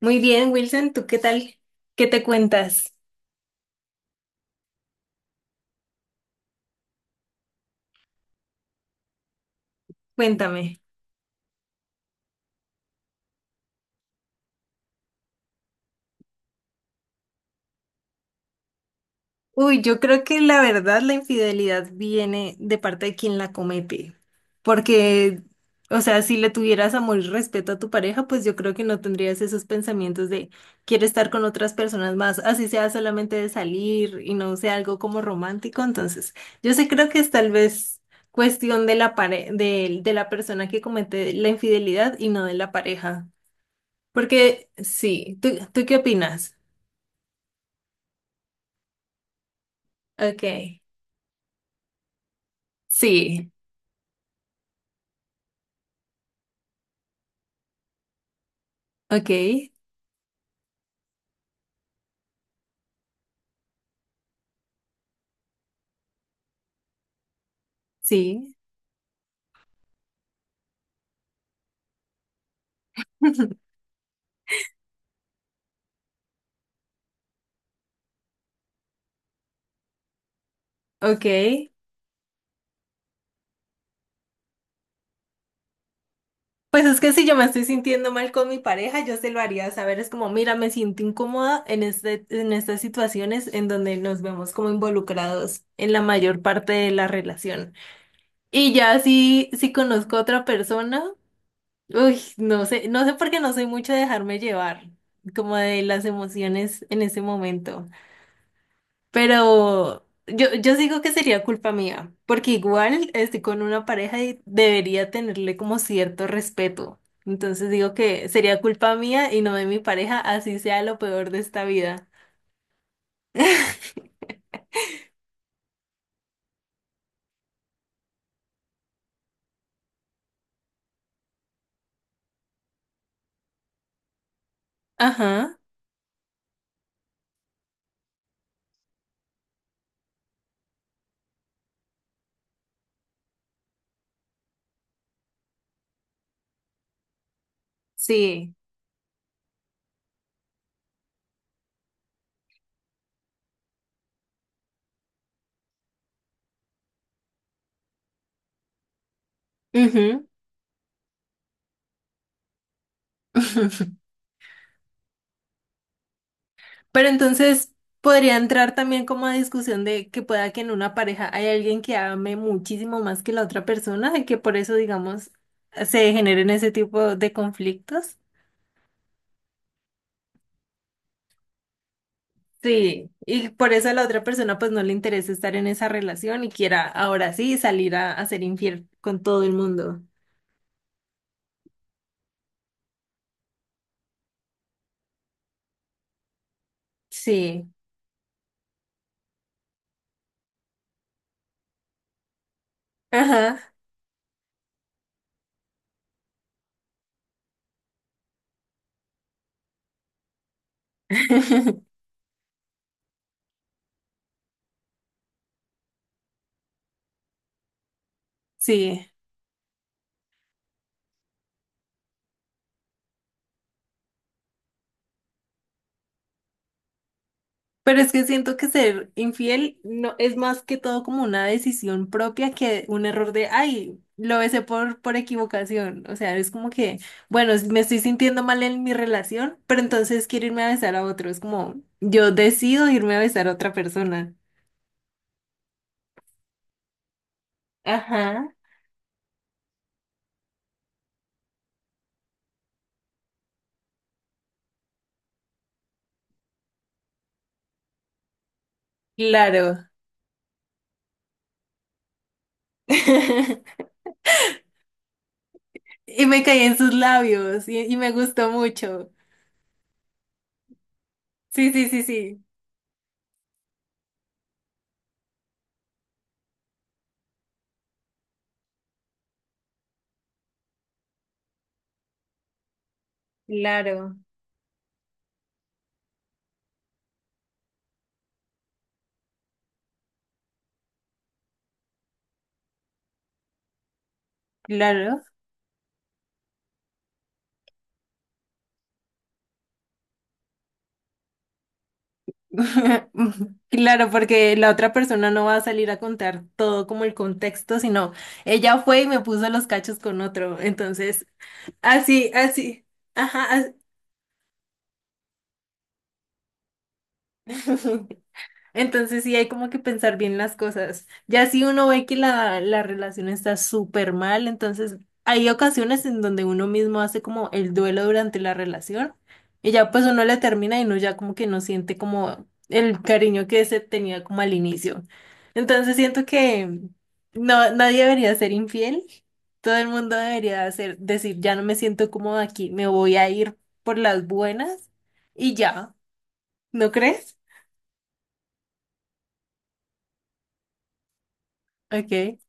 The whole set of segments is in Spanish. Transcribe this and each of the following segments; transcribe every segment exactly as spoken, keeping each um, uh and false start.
Muy bien, Wilson, ¿tú qué tal? ¿Qué te cuentas? Cuéntame. Uy, yo creo que la verdad la infidelidad viene de parte de quien la comete, porque, o sea, si le tuvieras amor y respeto a tu pareja, pues yo creo que no tendrías esos pensamientos de quiero estar con otras personas más, así sea solamente de salir y no sea algo como romántico. Entonces, yo sí creo que es tal vez cuestión de la pare- de, de la persona que comete la infidelidad y no de la pareja. Porque sí, ¿tú, tú ¿qué opinas? Ok, sí, ok, sí, ok. Pues es que si yo me estoy sintiendo mal con mi pareja, yo se lo haría saber. Es como, mira, me siento incómoda en este, en estas situaciones en donde nos vemos como involucrados en la mayor parte de la relación. Y ya si, si conozco a otra persona, uy, no sé, no sé por qué no soy mucho de dejarme llevar, como de las emociones en ese momento. Pero yo, yo digo que sería culpa mía, porque igual estoy con una pareja y debería tenerle como cierto respeto. Entonces digo que sería culpa mía y no de mi pareja, así sea lo peor de esta vida. Ajá, sí. Ujú. Pero entonces podría entrar también como a discusión de que pueda que en una pareja hay alguien que ame muchísimo más que la otra persona y que por eso, digamos, se generen ese tipo de conflictos. Sí, y por eso a la otra persona pues no le interesa estar en esa relación y quiera ahora sí salir a, a ser infiel con todo el mundo. Sí, ajá, sí. Pero es que siento que ser infiel no es más que todo como una decisión propia que un error de, ay, lo besé por, por equivocación. O sea, es como que, bueno, me estoy sintiendo mal en mi relación, pero entonces quiero irme a besar a otro. Es como, yo decido irme a besar a otra persona. Ajá. Claro. Y me caí en sus labios y, y me gustó mucho. Sí, sí, sí, sí. Claro, claro. Claro, porque la otra persona no va a salir a contar todo como el contexto, sino ella fue y me puso los cachos con otro. Entonces, así, así. Ajá. Así. Entonces sí hay como que pensar bien las cosas. Ya si uno ve que la, la relación está súper mal, entonces hay ocasiones en donde uno mismo hace como el duelo durante la relación y ya pues uno le termina y uno ya como que no siente como el cariño que se tenía como al inicio. Entonces siento que no, nadie debería ser infiel. Todo el mundo debería hacer, decir, ya no me siento cómodo aquí, me voy a ir por las buenas y ya, ¿no crees? Ok.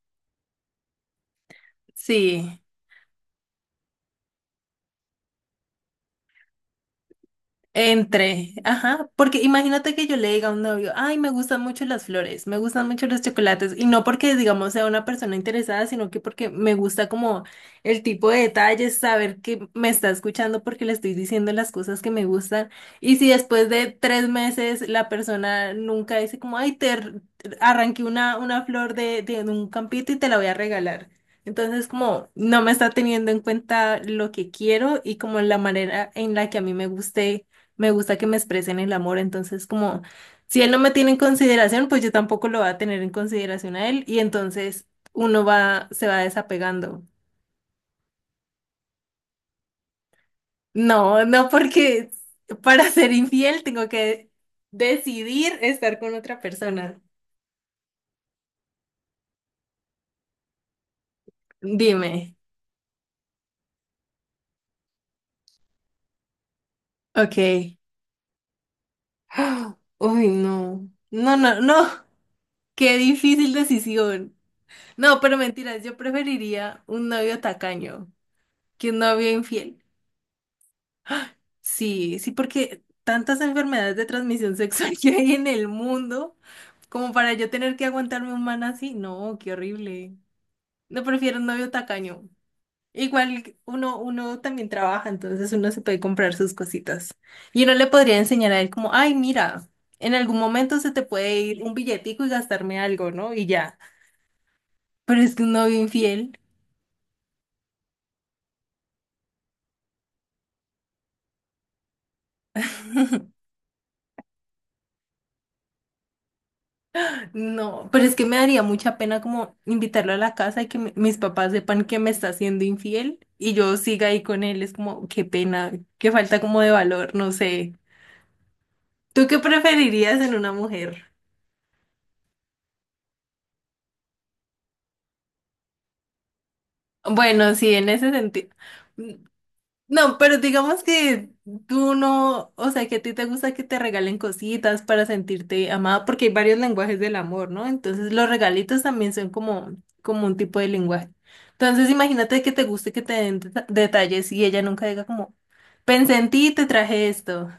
Sí. Entre, ajá, porque imagínate que yo le diga a un novio, ay, me gustan mucho las flores, me gustan mucho los chocolates, y no porque, digamos, sea una persona interesada, sino que porque me gusta como el tipo de detalles, saber que me está escuchando porque le estoy diciendo las cosas que me gustan, y si después de tres meses la persona nunca dice como, ay, te r- arranqué una, una flor de, de un campito y te la voy a regalar. Entonces, como no me está teniendo en cuenta lo que quiero y como la manera en la que a mí me guste me gusta que me expresen el amor, entonces como si él no me tiene en consideración, pues yo tampoco lo voy a tener en consideración a él y entonces uno va, se va desapegando. No, no porque para ser infiel tengo que decidir estar con otra persona. Dime. Ok. Uy, no. No, no, no. Qué difícil decisión. No, pero mentiras, yo preferiría un novio tacaño que un novio infiel. Sí, sí, porque tantas enfermedades de transmisión sexual que hay en el mundo, como para yo tener que aguantarme un man así, no, qué horrible. No prefiero un novio tacaño. Igual uno, uno también trabaja, entonces uno se puede comprar sus cositas. Y uno le podría enseñar a él como, ay, mira, en algún momento se te puede ir un billetico y gastarme algo, ¿no? Y ya. Pero es que un novio infiel. No, pero es que me daría mucha pena como invitarlo a la casa y que mi- mis papás sepan que me está siendo infiel y yo siga ahí con él. Es como, qué pena, qué falta como de valor, no sé. ¿Tú qué preferirías en una mujer? Bueno, sí, en ese sentido. No, pero digamos que tú no, o sea, que a ti te gusta que te regalen cositas para sentirte amada, porque hay varios lenguajes del amor, ¿no? Entonces los regalitos también son como, como un tipo de lenguaje. Entonces imagínate que te guste que te den deta- detalles y ella nunca diga como, pensé en ti y te traje esto.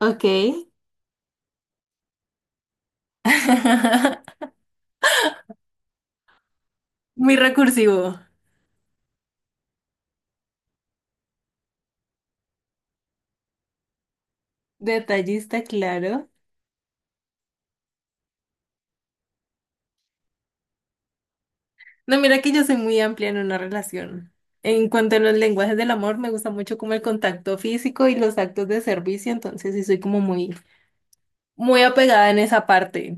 Ok. Muy recursivo. Detallista, claro. No, mira que yo soy muy amplia en una relación. En cuanto a los lenguajes del amor, me gusta mucho como el contacto físico y los actos de servicio, entonces sí soy como muy, muy apegada en esa parte.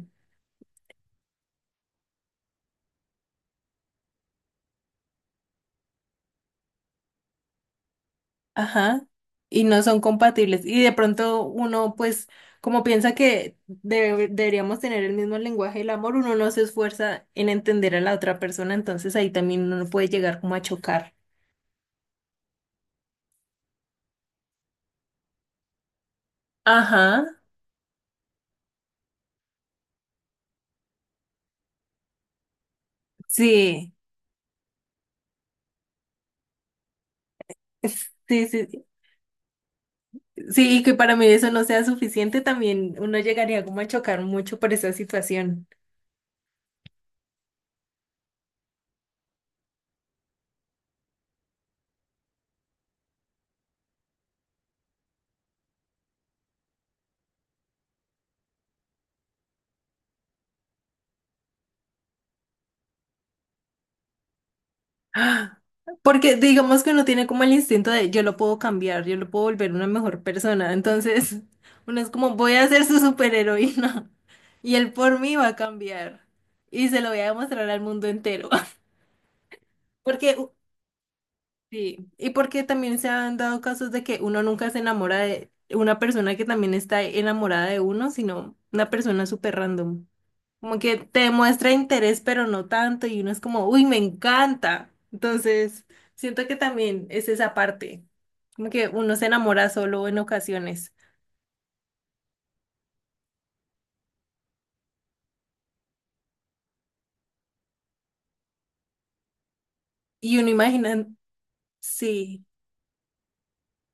Ajá. Y no son compatibles. Y de pronto uno, pues, como piensa que debe- deberíamos tener el mismo lenguaje del amor, uno no se esfuerza en entender a la otra persona, entonces ahí también uno puede llegar como a chocar. Ajá. Sí. Sí, sí. Sí, y que para mí eso no sea suficiente, también uno llegaría como a chocar mucho por esa situación. ¡Ah! Porque digamos que uno tiene como el instinto de yo lo puedo cambiar, yo lo puedo volver una mejor persona. Entonces, uno es como voy a ser su superheroína y él por mí va a cambiar y se lo voy a demostrar al mundo entero. Porque sí, y porque también se han dado casos de que uno nunca se enamora de una persona que también está enamorada de uno, sino una persona súper random. Como que te demuestra interés, pero no tanto, y uno es como, uy, me encanta. Entonces, siento que también es esa parte, como que uno se enamora solo en ocasiones. Y uno imagina, sí.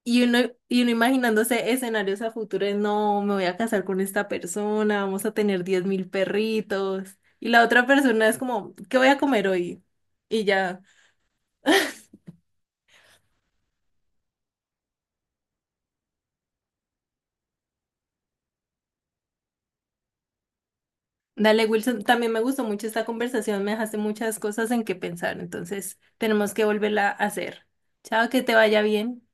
Y uno, y uno imaginándose escenarios a futuro, de, no, me voy a casar con esta persona, vamos a tener diez mil perritos. Y la otra persona es como, ¿qué voy a comer hoy? Y ya. Dale, Wilson, también me gustó mucho esta conversación, me dejaste muchas cosas en que pensar, entonces tenemos que volverla a hacer. Chao, que te vaya bien.